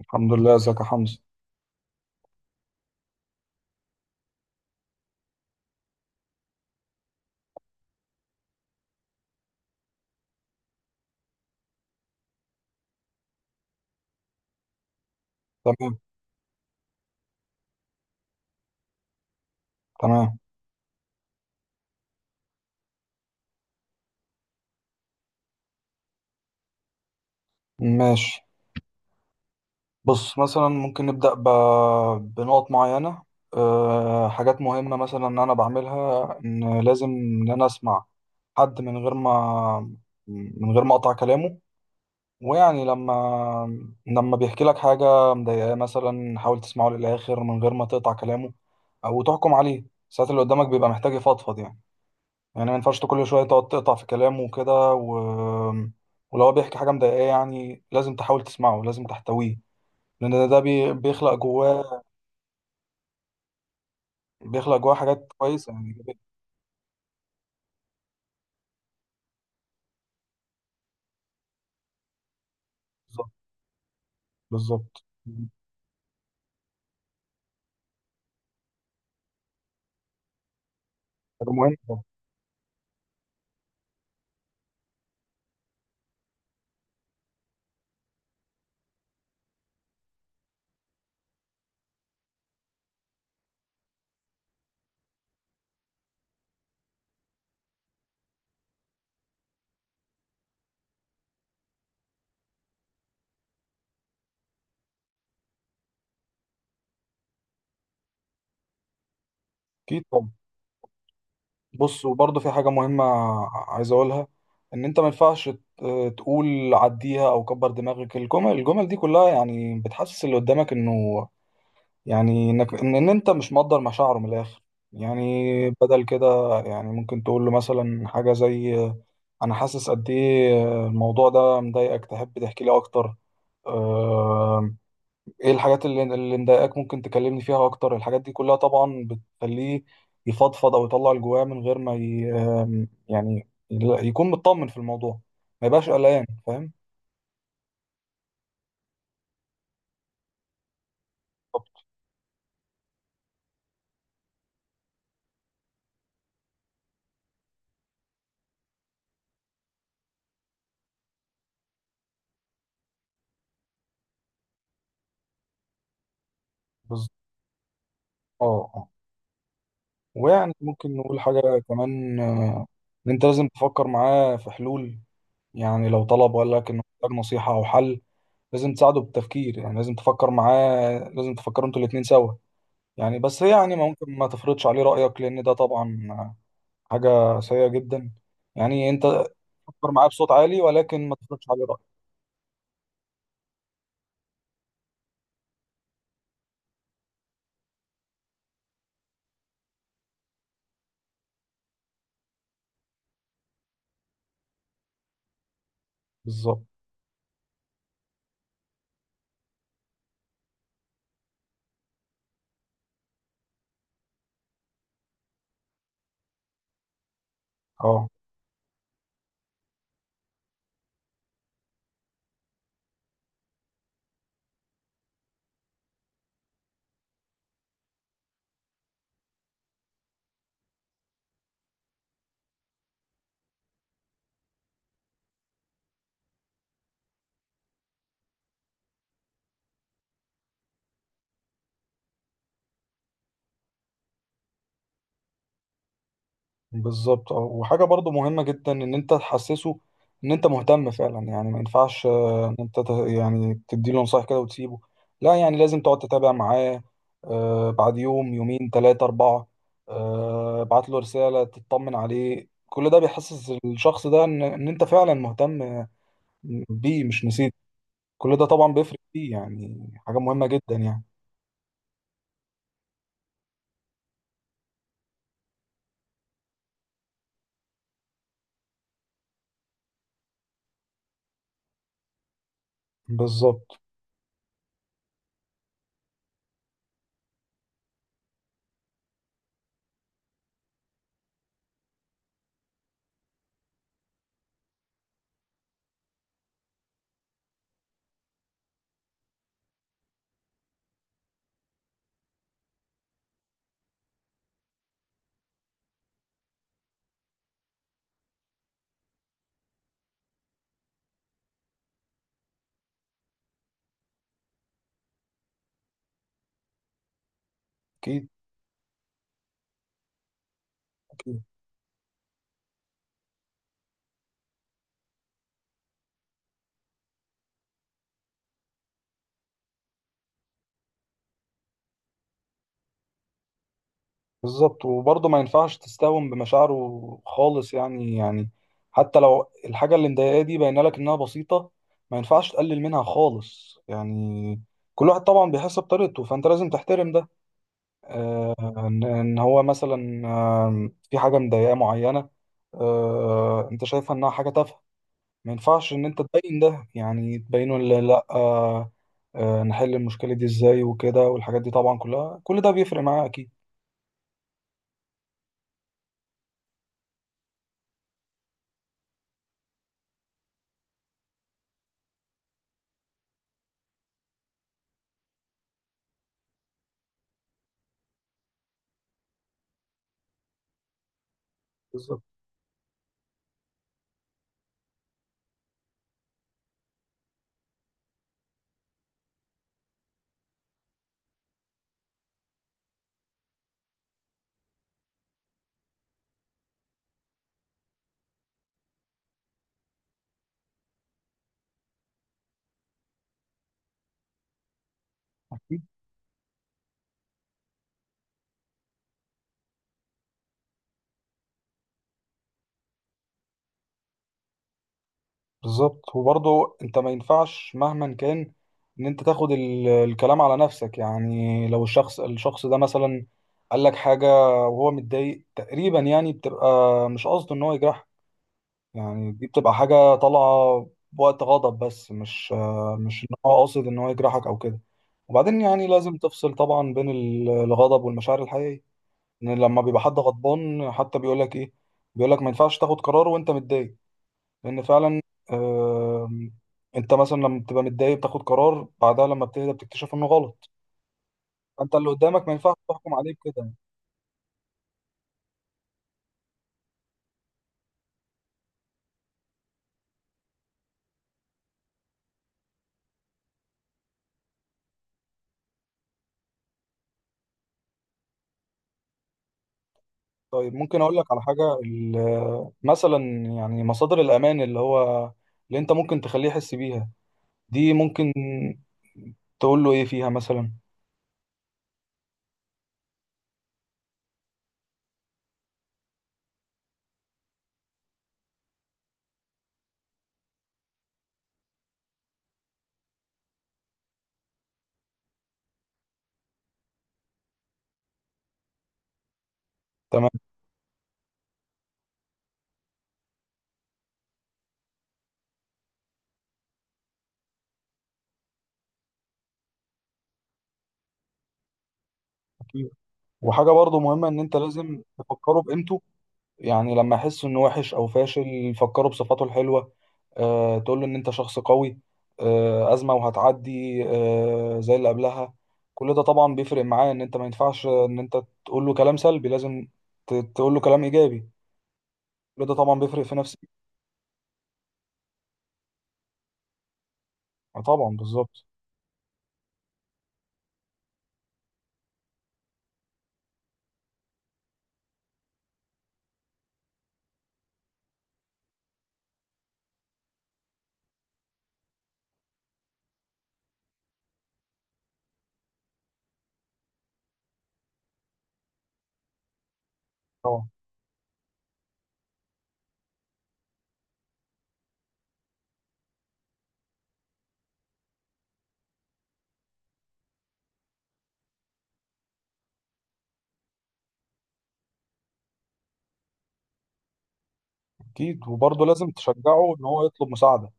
الحمد لله، ازيك يا حمزة؟ تمام. تمام. ماشي. بص، مثلا ممكن نبدأ بنقط معينة. حاجات مهمة مثلا ان انا بعملها، ان لازم ان انا اسمع حد من غير ما اقطع كلامه، ويعني لما بيحكي لك حاجة مضايقاه مثلا حاول تسمعه للآخر من غير ما تقطع كلامه او تحكم عليه. ساعات اللي قدامك بيبقى محتاج يفضفض يعني ما ينفعش كل شوية تقعد تقطع في كلامه وكده ولو هو بيحكي حاجة مضايقاه يعني لازم تحاول تسمعه، لازم تحتويه، لأن ده بيخلق جواه، بيخلق جواه حاجات كويسة يعني إيجابية. بالظبط. بالظبط. حاجة مهمة طبعا. أكيد طبعا. بص، وبرضه في حاجة مهمة عايز أقولها، إن أنت ما ينفعش تقول عديها أو كبر دماغك. الجمل دي كلها يعني بتحسس اللي قدامك إنه، يعني انك ان انت مش مقدر مشاعره من الاخر يعني. بدل كده، يعني ممكن تقول له مثلا حاجه زي انا حاسس قد ايه، الموضوع ده مضايقك، تحب تحكي لي اكتر؟ آه، ايه الحاجات اللي مضايقاك، ممكن تكلمني فيها اكتر. الحاجات دي كلها طبعا بتخليه يفضفض او يطلع اللي جواه من غير ما ي... آم، يعني يكون مطمن في الموضوع، ما يبقاش قلقان، فاهم. بالظبط. اه. آه. ويعني ممكن نقول حاجه كمان، ان انت لازم تفكر معاه في حلول. يعني لو طلب وقال لك انه محتاج نصيحة او حل، لازم تساعده بالتفكير، يعني لازم تفكر معاه، لازم تفكروا انتوا الاتنين سوا. يعني بس يعني ما ممكن ما تفرضش عليه رأيك لان ده طبعا حاجة سيئة جدا. يعني انت فكر معاه بصوت عالي، ولكن ما تفرضش عليه رأيك. بالظبط. اه. بالظبط. اه. وحاجه برضو مهمه جدا، ان انت تحسسه ان انت مهتم فعلا. يعني ما ينفعش ان انت يعني تديله نصايح كده وتسيبه. لا، يعني لازم تقعد تتابع معاه. بعد يوم، يومين، ثلاثه، اربعه، ابعت له رساله تطمن عليه. كل ده بيحسس الشخص ده ان ان انت فعلا مهتم بيه، مش نسيت. كل ده طبعا بيفرق فيه، يعني حاجه مهمه جدا يعني. بالظبط. اكيد. بالظبط. وبرضه ما ينفعش تستهون بمشاعره خالص يعني. يعني حتى لو الحاجة اللي مضايقاه دي باينة لك إنها بسيطة، ما ينفعش تقلل منها خالص يعني. كل واحد طبعا بيحس بطريقته، فأنت لازم تحترم ده. إن هو مثلا في حاجة مضايقاه معينة، أنت شايفها إنها حاجة تافهة. ما ينفعش إن أنت تبين ده، يعني تبينه. لا، لأ. نحل المشكلة دي إزاي وكده، والحاجات دي طبعا كلها، كل ده بيفرق معاه أكيد. بالظبط. بالظبط. وبرضه انت ما ينفعش مهما كان ان انت تاخد الكلام على نفسك. يعني لو الشخص ده مثلا قال لك حاجة وهو متضايق تقريبا، يعني بتبقى مش قصده ان هو يجرح. يعني دي بتبقى حاجة طالعة بوقت غضب، بس مش ان هو قاصد ان هو يجرحك او كده. وبعدين يعني لازم تفصل طبعا بين الغضب والمشاعر الحقيقية. ان لما بيبقى حد غضبان حتى بيقول لك ايه، بيقول لك ما ينفعش تاخد قرار وانت متضايق، لان فعلا آم، انت مثلا لما بتبقى متضايق بتاخد قرار، بعدها لما بتهدى بتكتشف انه غلط. فانت اللي قدامك ما ينفعش تحكم عليه بكده. طيب، ممكن اقول لك على حاجه مثلا، يعني مصادر الامان اللي هو اللي انت ممكن تخليه يحس بيها. دي ممكن تقول له ايه فيها مثلا. تمام. وحاجه برضو مهمه، ان انت لازم تفكره بقيمته. يعني لما يحس انه وحش او فاشل، يفكره بصفاته الحلوه. آه، تقول له ان انت شخص قوي، آه، ازمه وهتعدي، آه، زي اللي قبلها. كل ده طبعا بيفرق معاه. ان انت ما ينفعش ان انت تقول له كلام سلبي، لازم تقول له كلام ايجابي. كل ده طبعا بيفرق في نفسيته. طبعا، بالظبط. طبعا. اكيد. وبرضه لازم تشجعه ان هو يطلب مساعده.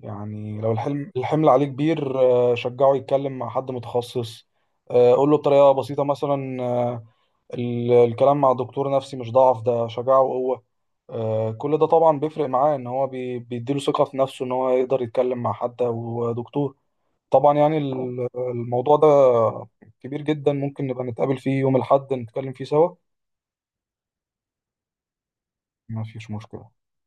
يعني لو الحمل عليه كبير، آه، شجعه يتكلم مع حد متخصص. آه، قول له بطريقه بسيطه مثلا، الكلام مع دكتور نفسي مش ضعف، ده شجاعة وقوة. كل ده طبعا بيفرق معاه، ان هو بيديله ثقة في نفسه ان هو يقدر يتكلم مع حد او دكتور. طبعا يعني الموضوع ده كبير جدا، ممكن نبقى نتقابل فيه يوم الأحد نتكلم فيه سوا. ما فيش مشكلة.